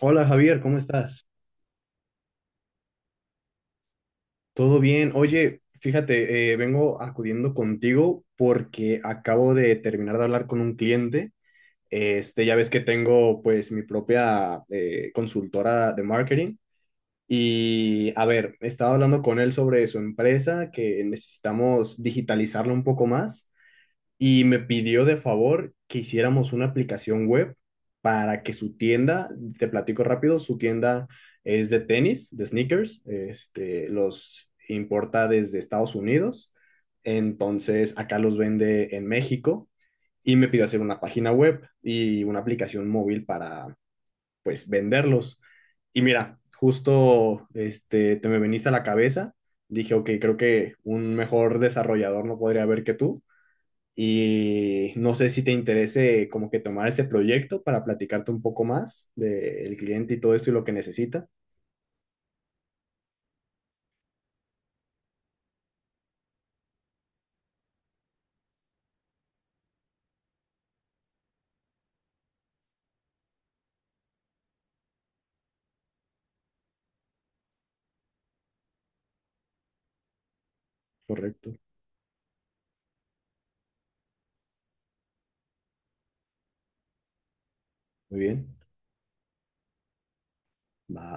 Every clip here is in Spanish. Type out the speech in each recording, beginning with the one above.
Hola Javier, ¿cómo estás? ¿Todo bien? Oye, fíjate, vengo acudiendo contigo porque acabo de terminar de hablar con un cliente. Este, ya ves que tengo pues mi propia consultora de marketing y a ver, estaba hablando con él sobre su empresa que necesitamos digitalizarla un poco más y me pidió de favor que hiciéramos una aplicación web para que su tienda, te platico rápido, su tienda es de tenis, de sneakers, este, los importa desde Estados Unidos, entonces acá los vende en México y me pidió hacer una página web y una aplicación móvil para, pues, venderlos. Y mira, justo, este, te me veniste a la cabeza, dije, ok, creo que un mejor desarrollador no podría haber que tú y no sé si te interese como que tomar ese proyecto para platicarte un poco más del cliente y todo esto y lo que necesita. Correcto, muy bien. Va,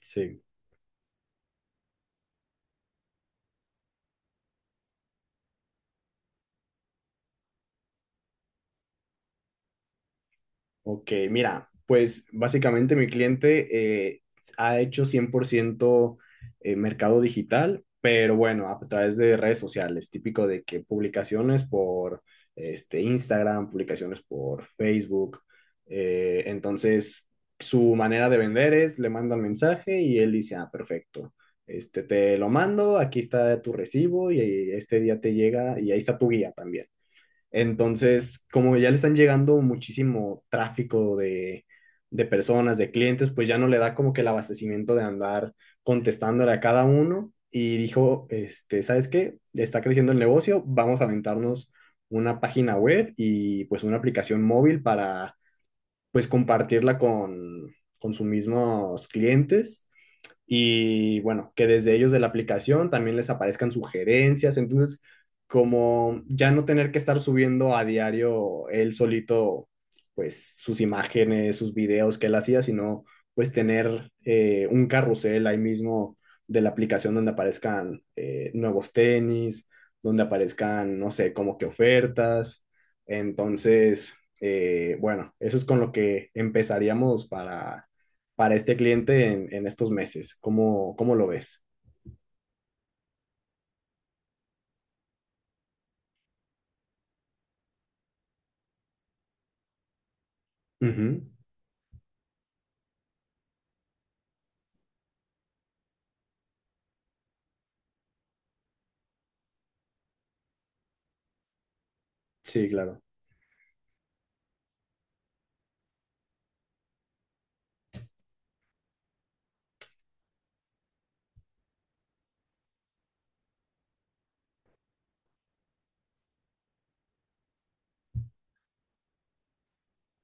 sí. Ok, mira, pues básicamente mi cliente ha hecho 100% mercado digital, pero bueno, a través de redes sociales, típico de que publicaciones por este, Instagram, publicaciones por Facebook, entonces su manera de vender es, le mandan mensaje y él dice, ah, perfecto, este, te lo mando, aquí está tu recibo y este día te llega y ahí está tu guía también. Entonces, como ya le están llegando muchísimo tráfico de personas, de clientes, pues ya no le da como que el abastecimiento de andar contestándole a cada uno. Y dijo, este, ¿sabes qué? Está creciendo el negocio, vamos a aventarnos una página web y pues una aplicación móvil para pues compartirla con sus mismos clientes y bueno, que desde ellos de la aplicación también les aparezcan sugerencias. Entonces, como ya no tener que estar subiendo a diario él solito, pues sus imágenes, sus videos que él hacía, sino pues tener un carrusel ahí mismo de la aplicación donde aparezcan nuevos tenis, donde aparezcan, no sé, como que ofertas. Entonces, bueno, eso es con lo que empezaríamos para este cliente en estos meses. ¿Cómo, cómo lo ves? Ujú. Sí, claro,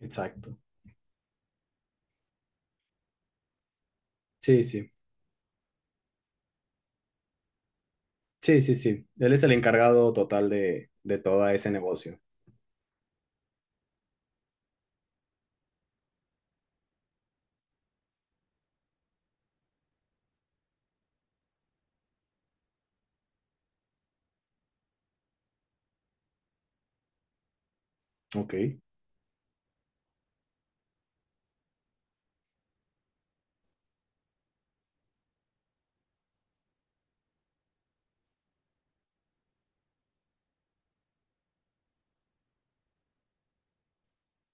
exacto. Sí, sí, sí, sí, sí. Él es el encargado total de todo ese negocio. Ok.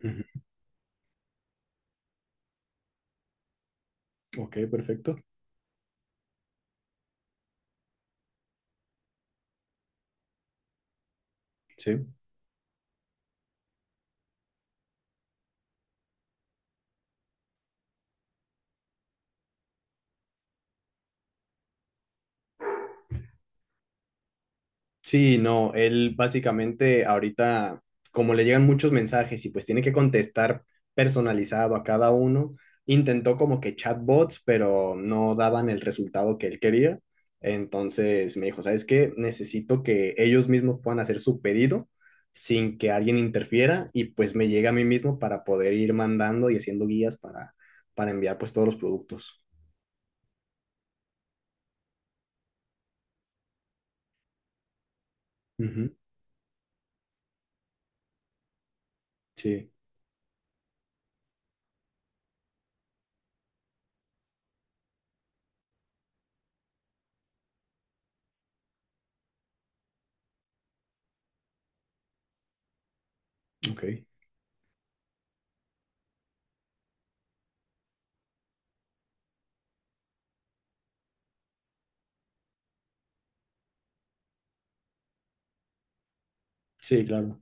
Ujú. Ok, perfecto. Sí. Sí, no, él básicamente ahorita, como le llegan muchos mensajes y pues tiene que contestar personalizado a cada uno, intentó como que chatbots, pero no daban el resultado que él quería. Entonces me dijo, ¿sabes qué? Necesito que ellos mismos puedan hacer su pedido sin que alguien interfiera y pues me llegue a mí mismo para poder ir mandando y haciendo guías para enviar pues todos los productos. Ujú, sí, ok. Sí, claro.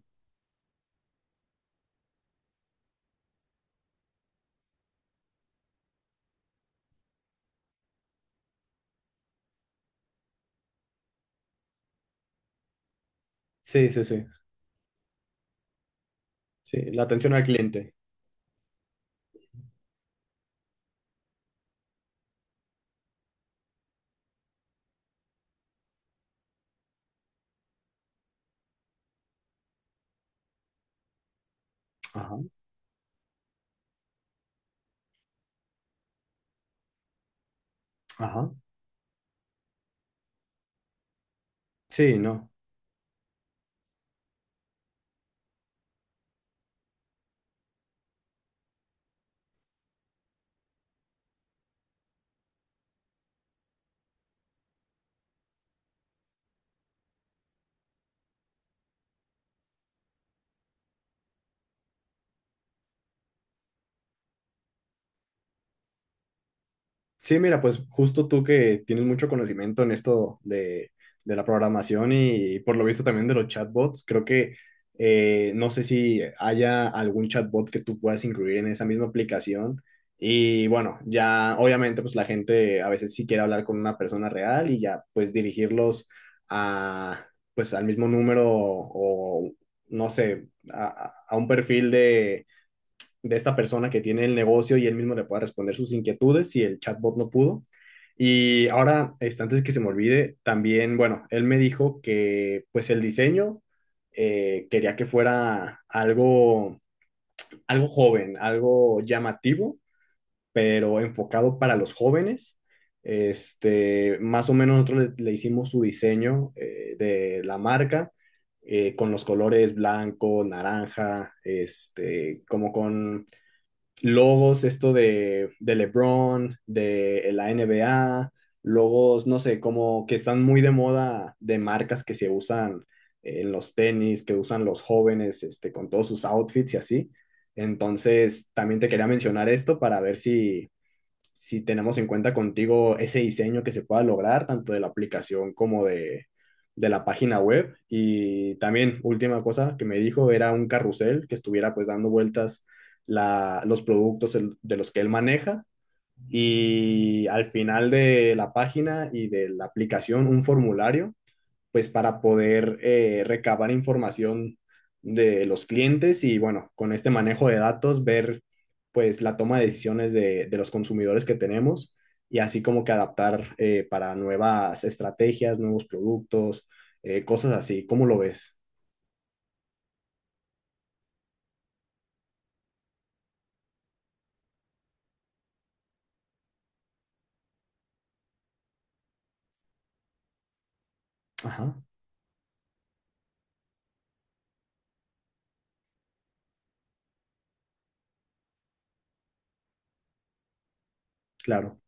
Sí, sí, sí. Sí, la atención al cliente. Ajá, ajá. Sí, no. Sí, mira, pues justo tú que tienes mucho conocimiento en esto de la programación y, por lo visto también de los chatbots, creo que no sé si haya algún chatbot que tú puedas incluir en esa misma aplicación. Y bueno, ya obviamente pues la gente a veces sí quiere hablar con una persona real y ya pues dirigirlos a pues al mismo número o no sé, a, a un perfil de esta persona que tiene el negocio y él mismo le pueda responder sus inquietudes si el chatbot no pudo. Y ahora, este, antes que se me olvide, también, bueno, él me dijo que pues el diseño quería que fuera algo, algo joven, algo llamativo, pero enfocado para los jóvenes. Este, más o menos nosotros le, le hicimos su diseño de la marca con los colores blanco, naranja, este, como con logos, esto de LeBron, de la NBA, logos, no sé, como que están muy de moda de marcas que se usan en los tenis, que usan los jóvenes, este, con todos sus outfits y así. Entonces, también te quería mencionar esto para ver si, si tenemos en cuenta contigo ese diseño que se pueda lograr, tanto de la aplicación como de la página web. Y también, última cosa que me dijo, era un carrusel que estuviera pues dando vueltas la, los productos el- de los que él maneja. Y al final de la página y de la aplicación, un formulario pues para poder recabar información de los clientes y bueno, con este manejo de datos ver pues la toma de decisiones de los consumidores que tenemos y así como que adaptar para nuevas estrategias, nuevos productos, cosas así. ¿Cómo lo ves? Ajá, claro.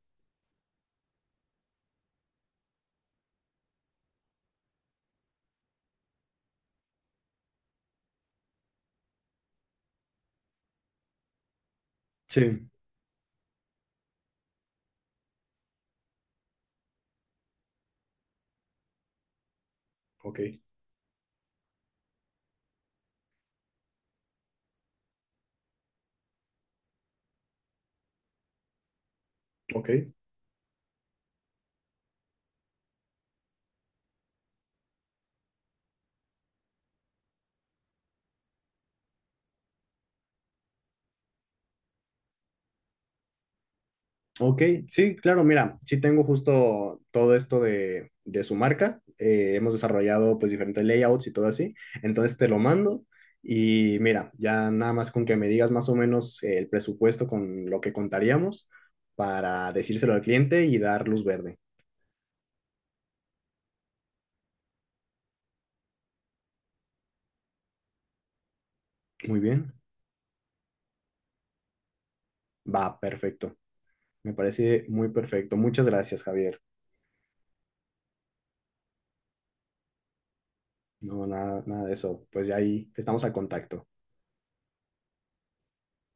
Sí, ok, ok. Ok, sí, claro, mira, sí tengo justo todo esto de su marca. Hemos desarrollado pues diferentes layouts y todo así. Entonces te lo mando y mira, ya nada más con que me digas más o menos el presupuesto con lo que contaríamos para decírselo al cliente y dar luz verde. Muy bien, va, perfecto. Me parece muy perfecto. Muchas gracias, Javier. No, nada, nada de eso. Pues ya ahí estamos al contacto.